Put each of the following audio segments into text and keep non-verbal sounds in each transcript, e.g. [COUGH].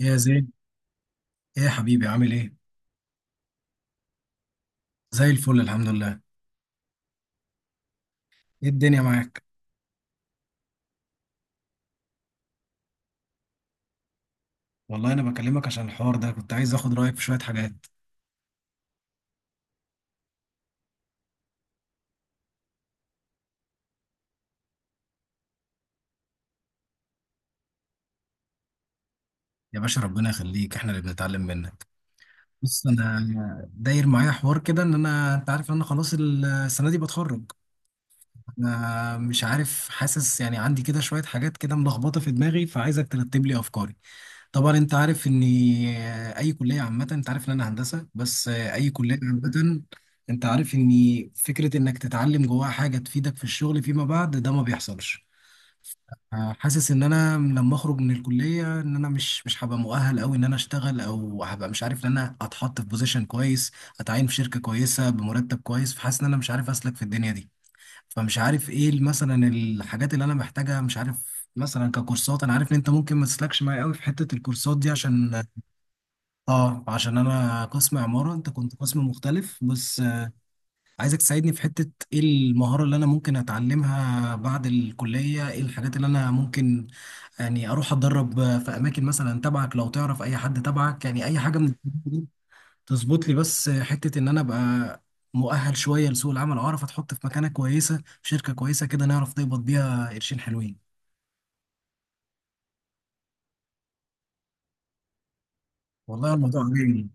يا زين، ايه يا حبيبي؟ عامل ايه؟ زي الفل الحمد لله. ايه الدنيا معاك؟ والله انا بكلمك عشان الحوار ده، كنت عايز اخد رايك في شويه حاجات. يا باشا ربنا يخليك، احنا اللي بنتعلم منك. بص انا داير معايا حوار كده، ان انا، انت عارف ان انا خلاص السنه دي بتخرج. انا مش عارف، حاسس يعني عندي كده شويه حاجات كده ملخبطه في دماغي، فعايزك ترتب لي افكاري. طبعا انت عارف ان اي كليه عامه، انت عارف ان انا هندسه، بس اي كليه عامه انت عارف ان فكره انك تتعلم جواها حاجه تفيدك في الشغل فيما بعد ده ما بيحصلش. حاسس ان انا لما اخرج من الكليه ان انا مش هبقى مؤهل قوي ان انا اشتغل، او هبقى مش عارف ان انا اتحط في بوزيشن كويس، اتعين في شركه كويسه بمرتب كويس. فحاسس ان انا مش عارف اسلك في الدنيا دي. فمش عارف ايه مثلا الحاجات اللي انا محتاجها، مش عارف مثلا ككورسات. انا عارف ان انت ممكن ما تسلكش معايا قوي في حته الكورسات دي، عشان، اه، عشان انا قسم عمارة، انت كنت قسم مختلف، بس عايزك تساعدني في حتة ايه المهارة اللي انا ممكن اتعلمها بعد الكلية. ايه الحاجات اللي انا ممكن يعني اروح اتدرب في اماكن مثلا تبعك، لو تعرف اي حد تبعك، يعني اي حاجة من الحاجات دي تظبط لي بس، حتة ان انا ابقى مؤهل شوية لسوق العمل، اعرف اتحط في مكانة كويسة في شركة كويسة كده، نعرف نقبض بيها قرشين حلوين. والله الموضوع عجبني.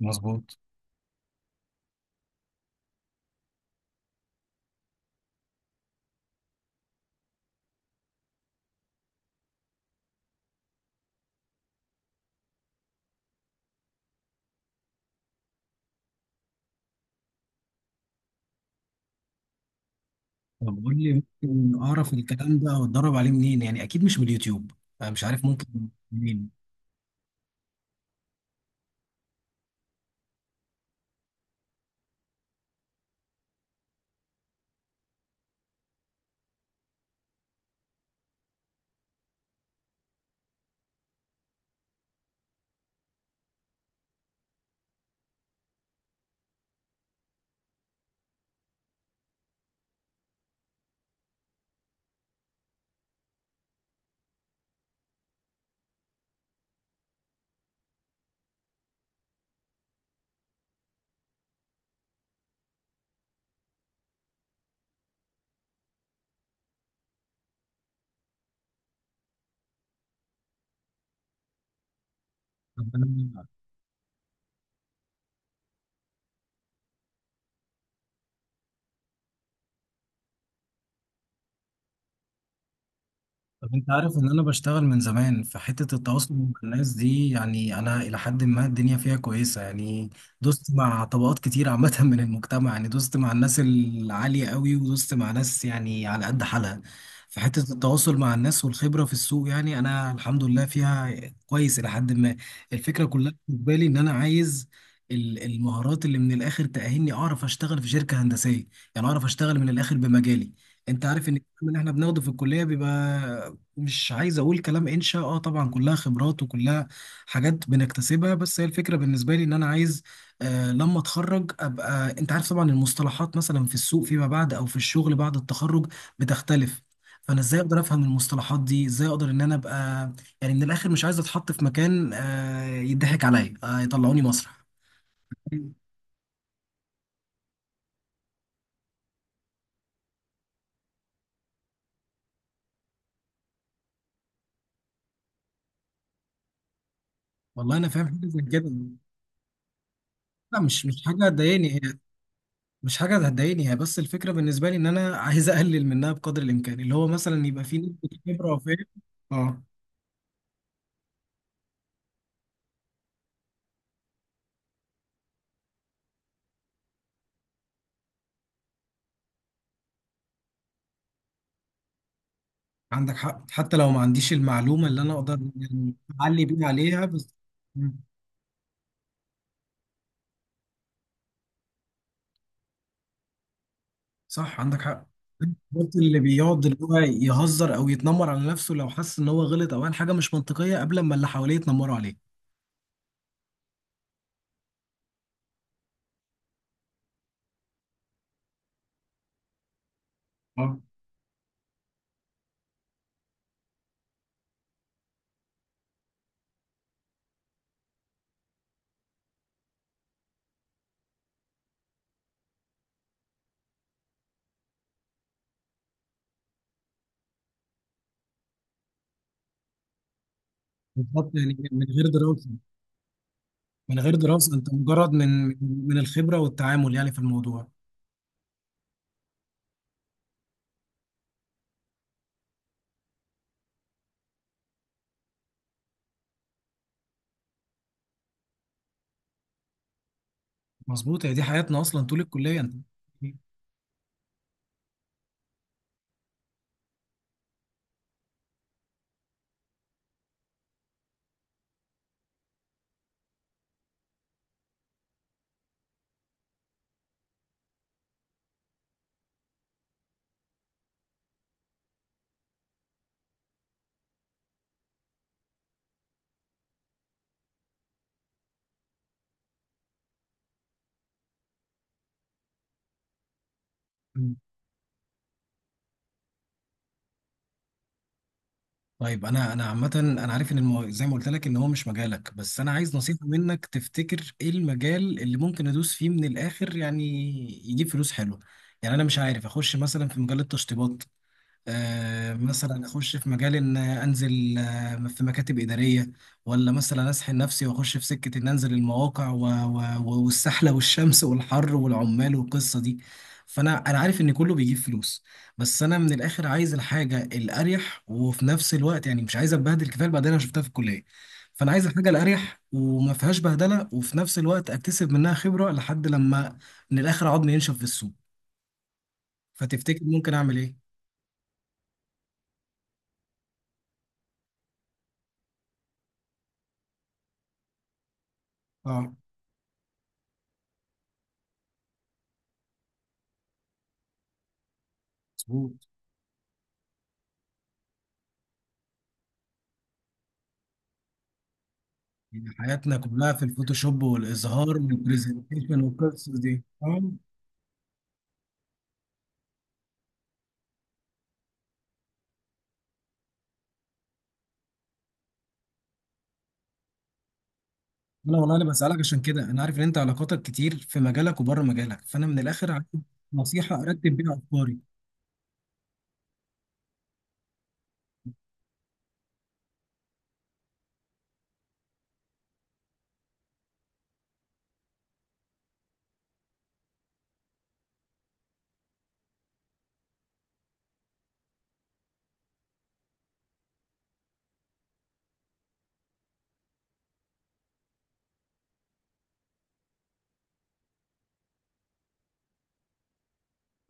مظبوط. طب قول لي، ممكن اعرف الكلام ده واتدرب عليه منين؟ يعني اكيد مش من اليوتيوب. انا مش عارف ممكن منين. طب انا، طب انت عارف ان انا بشتغل من زمان في حتة التواصل مع الناس دي، يعني انا الى حد ما الدنيا فيها كويسة يعني. دوست مع طبقات كتير عامة [LAUGHS] من المجتمع، يعني دوست مع الناس العالية قوي ودوست مع ناس يعني على قد حالها. في حتة التواصل مع الناس والخبرة في السوق يعني انا الحمد لله فيها كويس الى حد ما. الفكرة كلها بالنسبة لي ان انا عايز ال- المهارات اللي من الاخر تأهلني اعرف اشتغل في شركة هندسية، يعني اعرف اشتغل من الاخر بمجالي. انت عارف ان الكلام اللي احنا بناخده في الكلية بيبقى، مش عايز اقول كلام انشا، اه طبعا كلها خبرات وكلها حاجات بنكتسبها، بس هي الفكره بالنسبه لي ان انا عايز، آه، لما اتخرج ابقى، انت عارف طبعا المصطلحات مثلا في السوق فيما بعد او في الشغل بعد التخرج بتختلف. فانا ازاي اقدر افهم المصطلحات دي؟ ازاي اقدر ان انا ابقى يعني من الاخر مش عايز اتحط في مكان، آه، يضحك عليا، آه، يطلعوني مسرح. والله انا فاهم حاجه زي كده. لا، مش حاجه تضايقني، مش حاجة هتضايقني. هي بس الفكرة بالنسبة لي إن أنا عايز أقلل منها بقدر الإمكان، اللي هو مثلا يبقى في نسبة خبرة وفهم. أه. عندك حق، حتى لو ما عنديش المعلومة اللي أنا أقدر يعني أعلي بيها عليها بس. مم. صح، عندك حق. قلت اللي بيقعد اللي هو يهزر أو يتنمر على نفسه لو حس إن هو غلط أو قال حاجة مش منطقية قبل ما اللي حواليه يتنمروا عليه. اه، بالظبط، يعني من غير دراسة. من غير دراسة، أنت مجرد من من الخبرة والتعامل يعني في الموضوع. مظبوط، هي دي حياتنا أصلا طول الكلية أنت. مم. طيب انا، انا عامه انا عارف ان المو... زي ما قلت لك ان هو مش مجالك، بس انا عايز نصيحه منك، تفتكر ايه المجال اللي ممكن ادوس فيه من الاخر يعني يجيب فلوس حلوه؟ يعني انا مش عارف اخش مثلا في مجال التشطيبات، مثلا اخش في مجال ان انزل، في مكاتب اداريه، ولا مثلا اسحل نفسي واخش في سكه ان انزل المواقع والسحله والشمس والحر والعمال والقصه دي. فانا، انا عارف ان كله بيجيب فلوس، بس انا من الاخر عايز الحاجه الاريح، وفي نفس الوقت يعني مش عايز اتبهدل، كفايه البهدله انا شفتها في الكليه. فانا عايز الحاجه الاريح وما فيهاش بهدله، وفي نفس الوقت اكتسب منها خبره لحد لما من الاخر عضمي ينشف في السوق. فتفتكر ممكن اعمل ايه؟ اه. مظبوط. يعني حياتنا كلها في الفوتوشوب والإظهار والبرزنتيشن والقصص دي، فاهم؟ أنا والله أنا بسألك عشان كده، أنا عارف إن أنت علاقاتك كتير في مجالك وبره مجالك، فأنا من الآخر عايز نصيحة أرتب بيها أفكاري.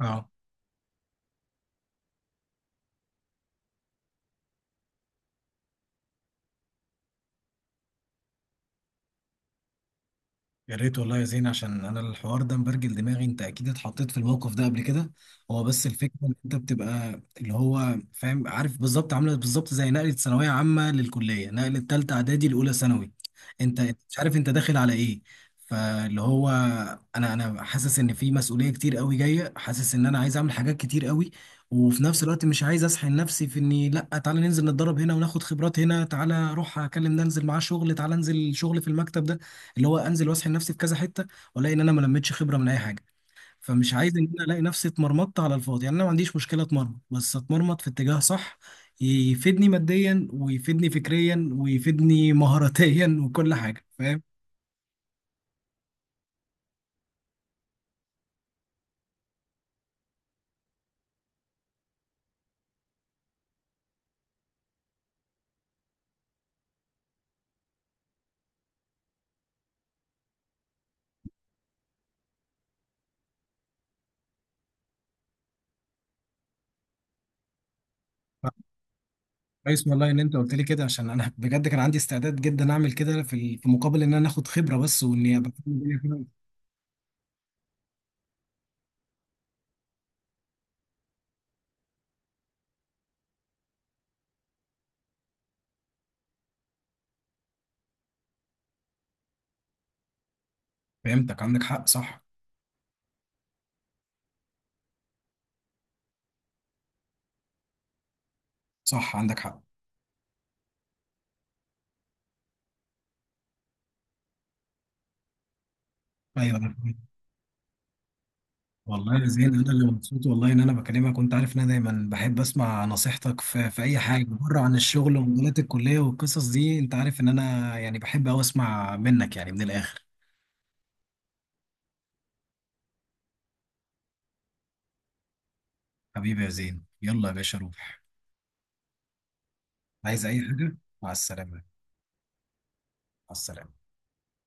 أه. يا ريت والله يا زين، عشان انا الحوار ده مبرجل دماغي. انت اكيد اتحطيت في الموقف ده قبل كده. هو بس الفكره ان انت بتبقى اللي هو فاهم عارف بالظبط، عامله بالظبط زي نقله ثانويه عامه للكليه، نقله ثالثه اعدادي لاولى ثانوي. أنت مش عارف انت داخل على ايه. فاللي هو، انا حاسس ان في مسؤوليه كتير قوي جايه، حاسس ان انا عايز اعمل حاجات كتير قوي، وفي نفس الوقت مش عايز اسحل نفسي في اني، لا تعالى ننزل نتدرب هنا وناخد خبرات هنا، تعالى اروح اكلم ده انزل معاه شغل، تعالى انزل شغل في المكتب ده، اللي هو انزل واسحل نفسي في كذا حته، والاقي ان انا ما لميتش خبره من اي حاجه. فمش عايز ان انا الاقي نفسي اتمرمطت على الفاضي، يعني انا ما عنديش مشكله اتمرمط، بس اتمرمط في اتجاه صح، يفيدني ماديا ويفيدني فكريا ويفيدني [LAUGHS] مهاراتيا وكل حاجه، فاهم؟ كويس والله ان انت قلت لي كده، عشان انا بجد كان عندي استعداد جدا اعمل كده في ال- في مقابل ان انا اخد خبره بس، واني ابقى فاهم الدنيا كده. فهمتك، عندك حق، صح. صح، عندك حق. ايوه. والله يا زين انا اللي مبسوط، والله ان انا بكلمك، وانت عارف ان انا دايما بحب اسمع نصيحتك في، في اي حاجه بره عن الشغل ومجالات الكليه والقصص دي. انت عارف ان انا يعني بحب اوي اسمع منك يعني من الاخر. حبيبي يا زين، يلا يا باشا روح. عايز اي حاجه؟ مع السلامه. مع السلامه.